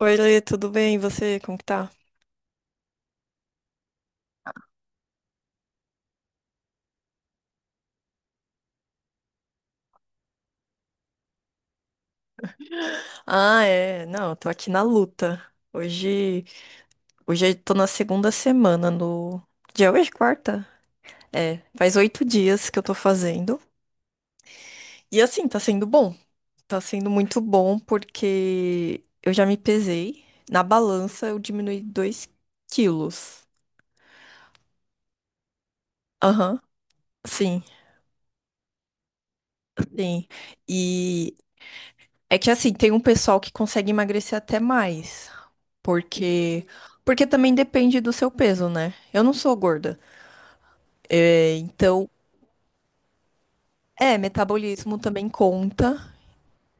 Oi, Lê, tudo bem? E você, como que tá? Ah, é, não, eu tô aqui na luta. Hoje, hoje eu tô na segunda semana no. Dia hoje, quarta? É, faz 8 dias que eu tô fazendo. E assim, tá sendo bom. Tá sendo muito bom porque eu já me pesei. Na balança eu diminui 2 quilos. Aham, sim, sim. E é que assim, tem um pessoal que consegue emagrecer até mais. Porque, porque também depende do seu peso, né? Eu não sou gorda. É, então, metabolismo também conta.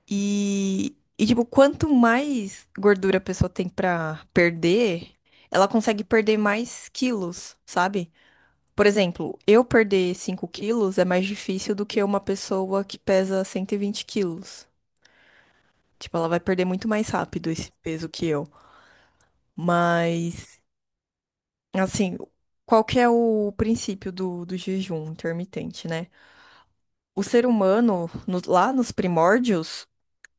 E, tipo, quanto mais gordura a pessoa tem pra perder, ela consegue perder mais quilos, sabe? Por exemplo, eu perder 5 quilos é mais difícil do que uma pessoa que pesa 120 quilos. Tipo, ela vai perder muito mais rápido esse peso que eu. Mas assim, qual que é o princípio do jejum intermitente, né? O ser humano, lá nos primórdios,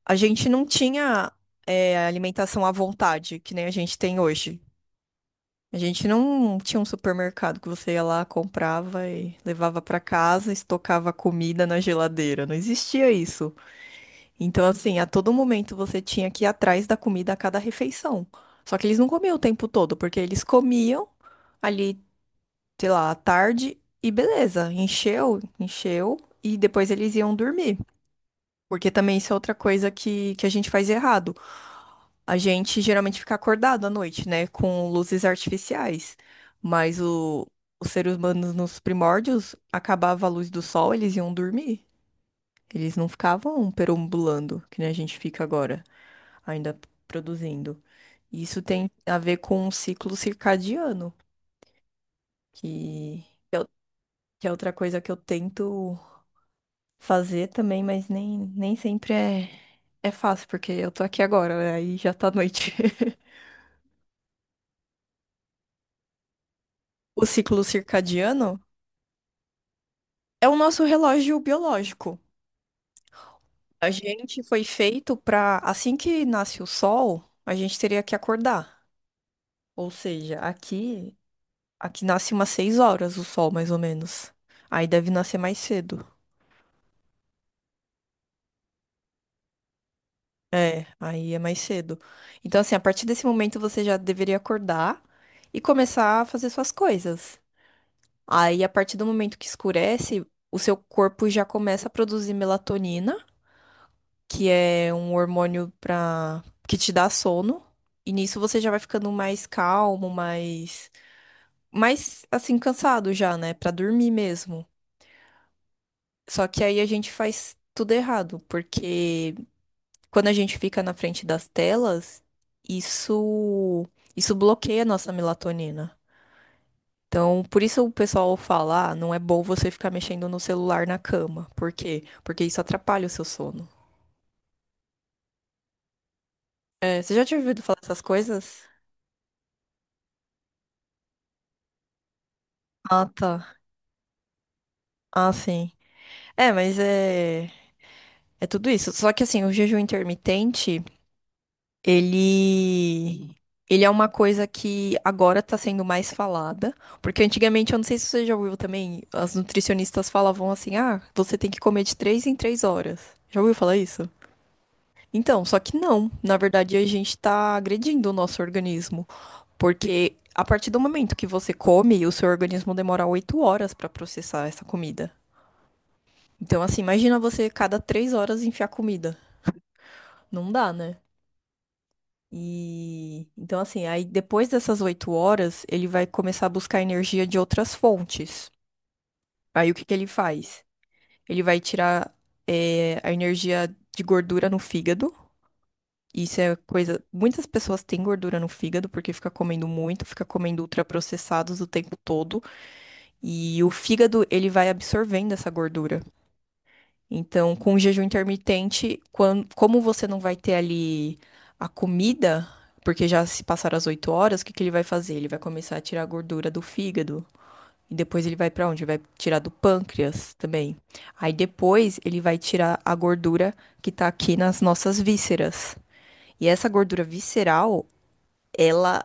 a gente não tinha, alimentação à vontade, que nem a gente tem hoje. A gente não tinha um supermercado que você ia lá, comprava e levava para casa, estocava a comida na geladeira. Não existia isso. Então, assim, a todo momento você tinha que ir atrás da comida a cada refeição. Só que eles não comiam o tempo todo, porque eles comiam ali, sei lá, à tarde e beleza, encheu, encheu e depois eles iam dormir. Porque também isso é outra coisa que a gente faz errado. A gente geralmente fica acordado à noite, né, com luzes artificiais. Mas os seres humanos nos primórdios, acabava a luz do sol, eles iam dormir. Eles não ficavam perambulando, que nem a gente fica agora, ainda produzindo. E isso tem a ver com o ciclo circadiano, que, que é outra coisa que eu tento fazer também, mas nem sempre é fácil, porque eu tô aqui agora, né? Aí já tá noite. O ciclo circadiano é o nosso relógio biológico. A gente foi feito pra, assim que nasce o sol, a gente teria que acordar. Ou seja, aqui nasce umas 6 horas o sol, mais ou menos. Aí deve nascer mais cedo. É, aí é mais cedo. Então, assim, a partir desse momento você já deveria acordar e começar a fazer suas coisas. Aí, a partir do momento que escurece, o seu corpo já começa a produzir melatonina, que é um hormônio para que te dá sono. E nisso você já vai ficando mais calmo, mais, mais assim cansado já, né, pra dormir mesmo. Só que aí a gente faz tudo errado, porque quando a gente fica na frente das telas, isso isso bloqueia a nossa melatonina. Então, por isso o pessoal fala, ah, não é bom você ficar mexendo no celular na cama. Por quê? Porque isso atrapalha o seu sono. É, você já tinha ouvido falar essas coisas? Ah, tá. Ah, sim. É, mas é tudo isso. Só que assim, o jejum intermitente, ele ele é uma coisa que agora tá sendo mais falada, porque antigamente, eu não sei se você já ouviu também, as nutricionistas falavam assim: "Ah, você tem que comer de 3 em 3 horas". Já ouviu falar isso? Então, só que não. Na verdade, a gente está agredindo o nosso organismo, porque a partir do momento que você come, o seu organismo demora 8 horas para processar essa comida. Então, assim, imagina você cada 3 horas enfiar comida. Não dá, né? E então, assim, aí depois dessas 8 horas, ele vai começar a buscar energia de outras fontes. Aí o que que ele faz? Ele vai tirar a energia de gordura no fígado. Isso é coisa. Muitas pessoas têm gordura no fígado porque fica comendo muito, fica comendo ultraprocessados o tempo todo. E o fígado, ele vai absorvendo essa gordura. Então, com o jejum intermitente, como você não vai ter ali a comida, porque já se passaram as 8 horas, o que que ele vai fazer? Ele vai começar a tirar a gordura do fígado. E depois ele vai para onde? Vai tirar do pâncreas também. Aí depois ele vai tirar a gordura que tá aqui nas nossas vísceras. E essa gordura visceral ela,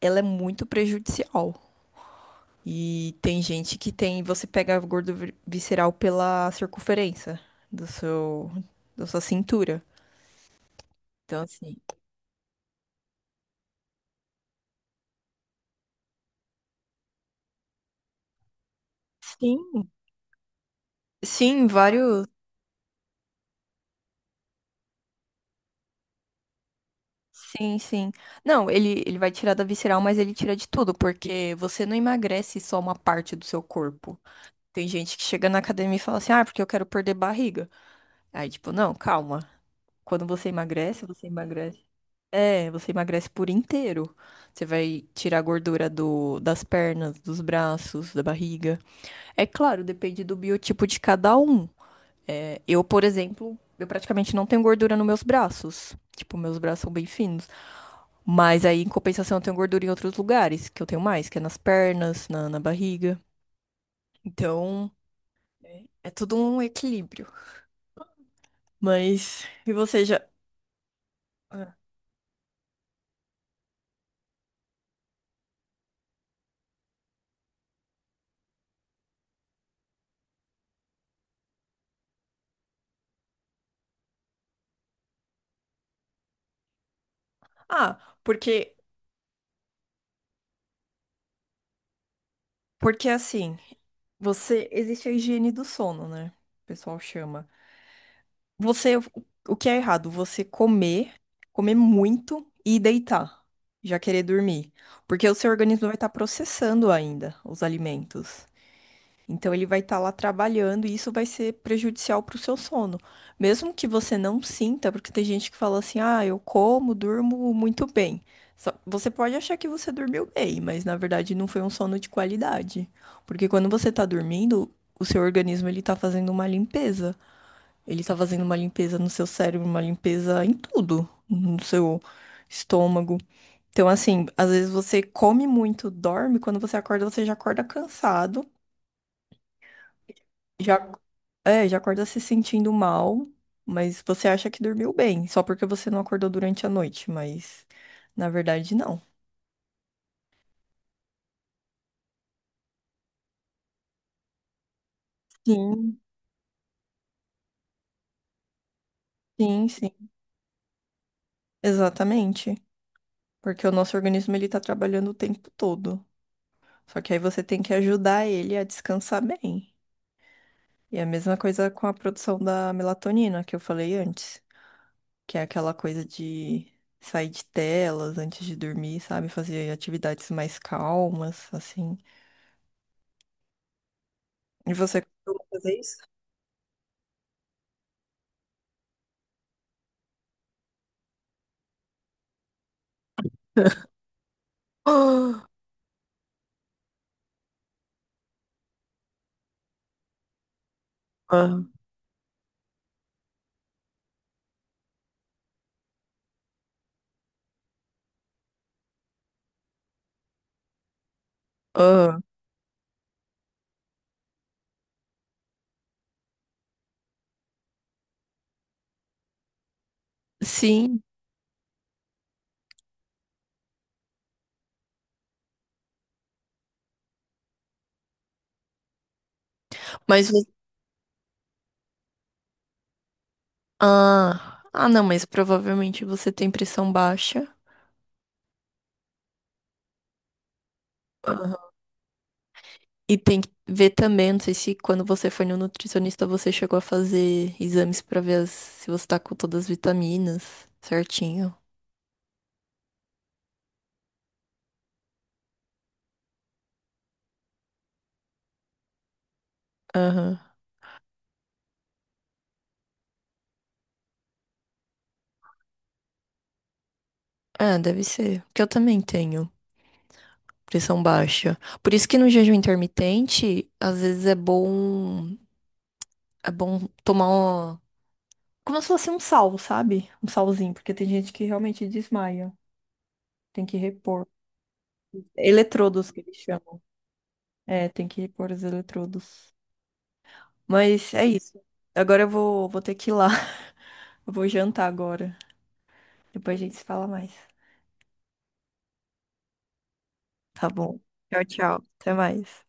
ela é muito prejudicial. E tem gente que tem, você pega gordo visceral pela circunferência do seu, da sua cintura. Então, assim. Sim. Sim, vários. Sim, sim. Não, ele vai tirar da visceral, mas ele tira de tudo, porque você não emagrece só uma parte do seu corpo. Tem gente que chega na academia e fala assim, ah, porque eu quero perder barriga. Aí, tipo, não, calma. Quando você emagrece, você emagrece. É, você emagrece por inteiro. Você vai tirar a gordura do, das pernas, dos braços, da barriga. É claro, depende do biotipo de cada um. É, eu, por exemplo, eu praticamente não tenho gordura nos meus braços. Tipo, meus braços são bem finos. Mas aí, em compensação, eu tenho gordura em outros lugares, que eu tenho mais, que é nas pernas, na barriga. Então, é é tudo um equilíbrio. Mas, e você já. Ah, porque, porque assim. Existe a higiene do sono, né? O pessoal chama. Você, o que é errado? Você comer muito e deitar, já querer dormir. Porque o seu organismo vai estar processando ainda os alimentos. Então ele vai estar lá trabalhando e isso vai ser prejudicial para o seu sono. Mesmo que você não sinta, porque tem gente que fala assim: ah, eu como, durmo muito bem. Só. Você pode achar que você dormiu bem, mas na verdade não foi um sono de qualidade. Porque quando você está dormindo, o seu organismo ele está fazendo uma limpeza. Ele está fazendo uma limpeza no seu cérebro, uma limpeza em tudo, no seu estômago. Então, assim, às vezes você come muito, dorme, quando você acorda, você já acorda cansado. Já, já acorda se sentindo mal, mas você acha que dormiu bem, só porque você não acordou durante a noite, mas na verdade não. Sim, sim, sim. Exatamente. Porque o nosso organismo ele tá trabalhando o tempo todo. Só que aí você tem que ajudar ele a descansar bem. E a mesma coisa com a produção da melatonina que eu falei antes, que é aquela coisa de sair de telas antes de dormir, sabe? Fazer atividades mais calmas, assim. E você costuma fazer isso? Ah, ah, ah. Sim, mas ah, ah, não, mas provavelmente você tem pressão baixa. Aham. E tem que ver também, não sei se quando você foi no nutricionista você chegou a fazer exames pra ver as- se você tá com todas as vitaminas certinho. Aham. Ah, deve ser. Porque eu também tenho pressão baixa. Por isso que no jejum intermitente, às vezes é bom tomar como se fosse um sal, sabe? Um salzinho, porque tem gente que realmente desmaia. Tem que repor. Eletrodos que eles chamam. É, tem que repor os eletrodos. Mas é isso. Agora eu vou, vou ter que ir lá. Eu vou jantar agora. Depois a gente se fala mais. Tá bom. Tchau, tchau. Até mais.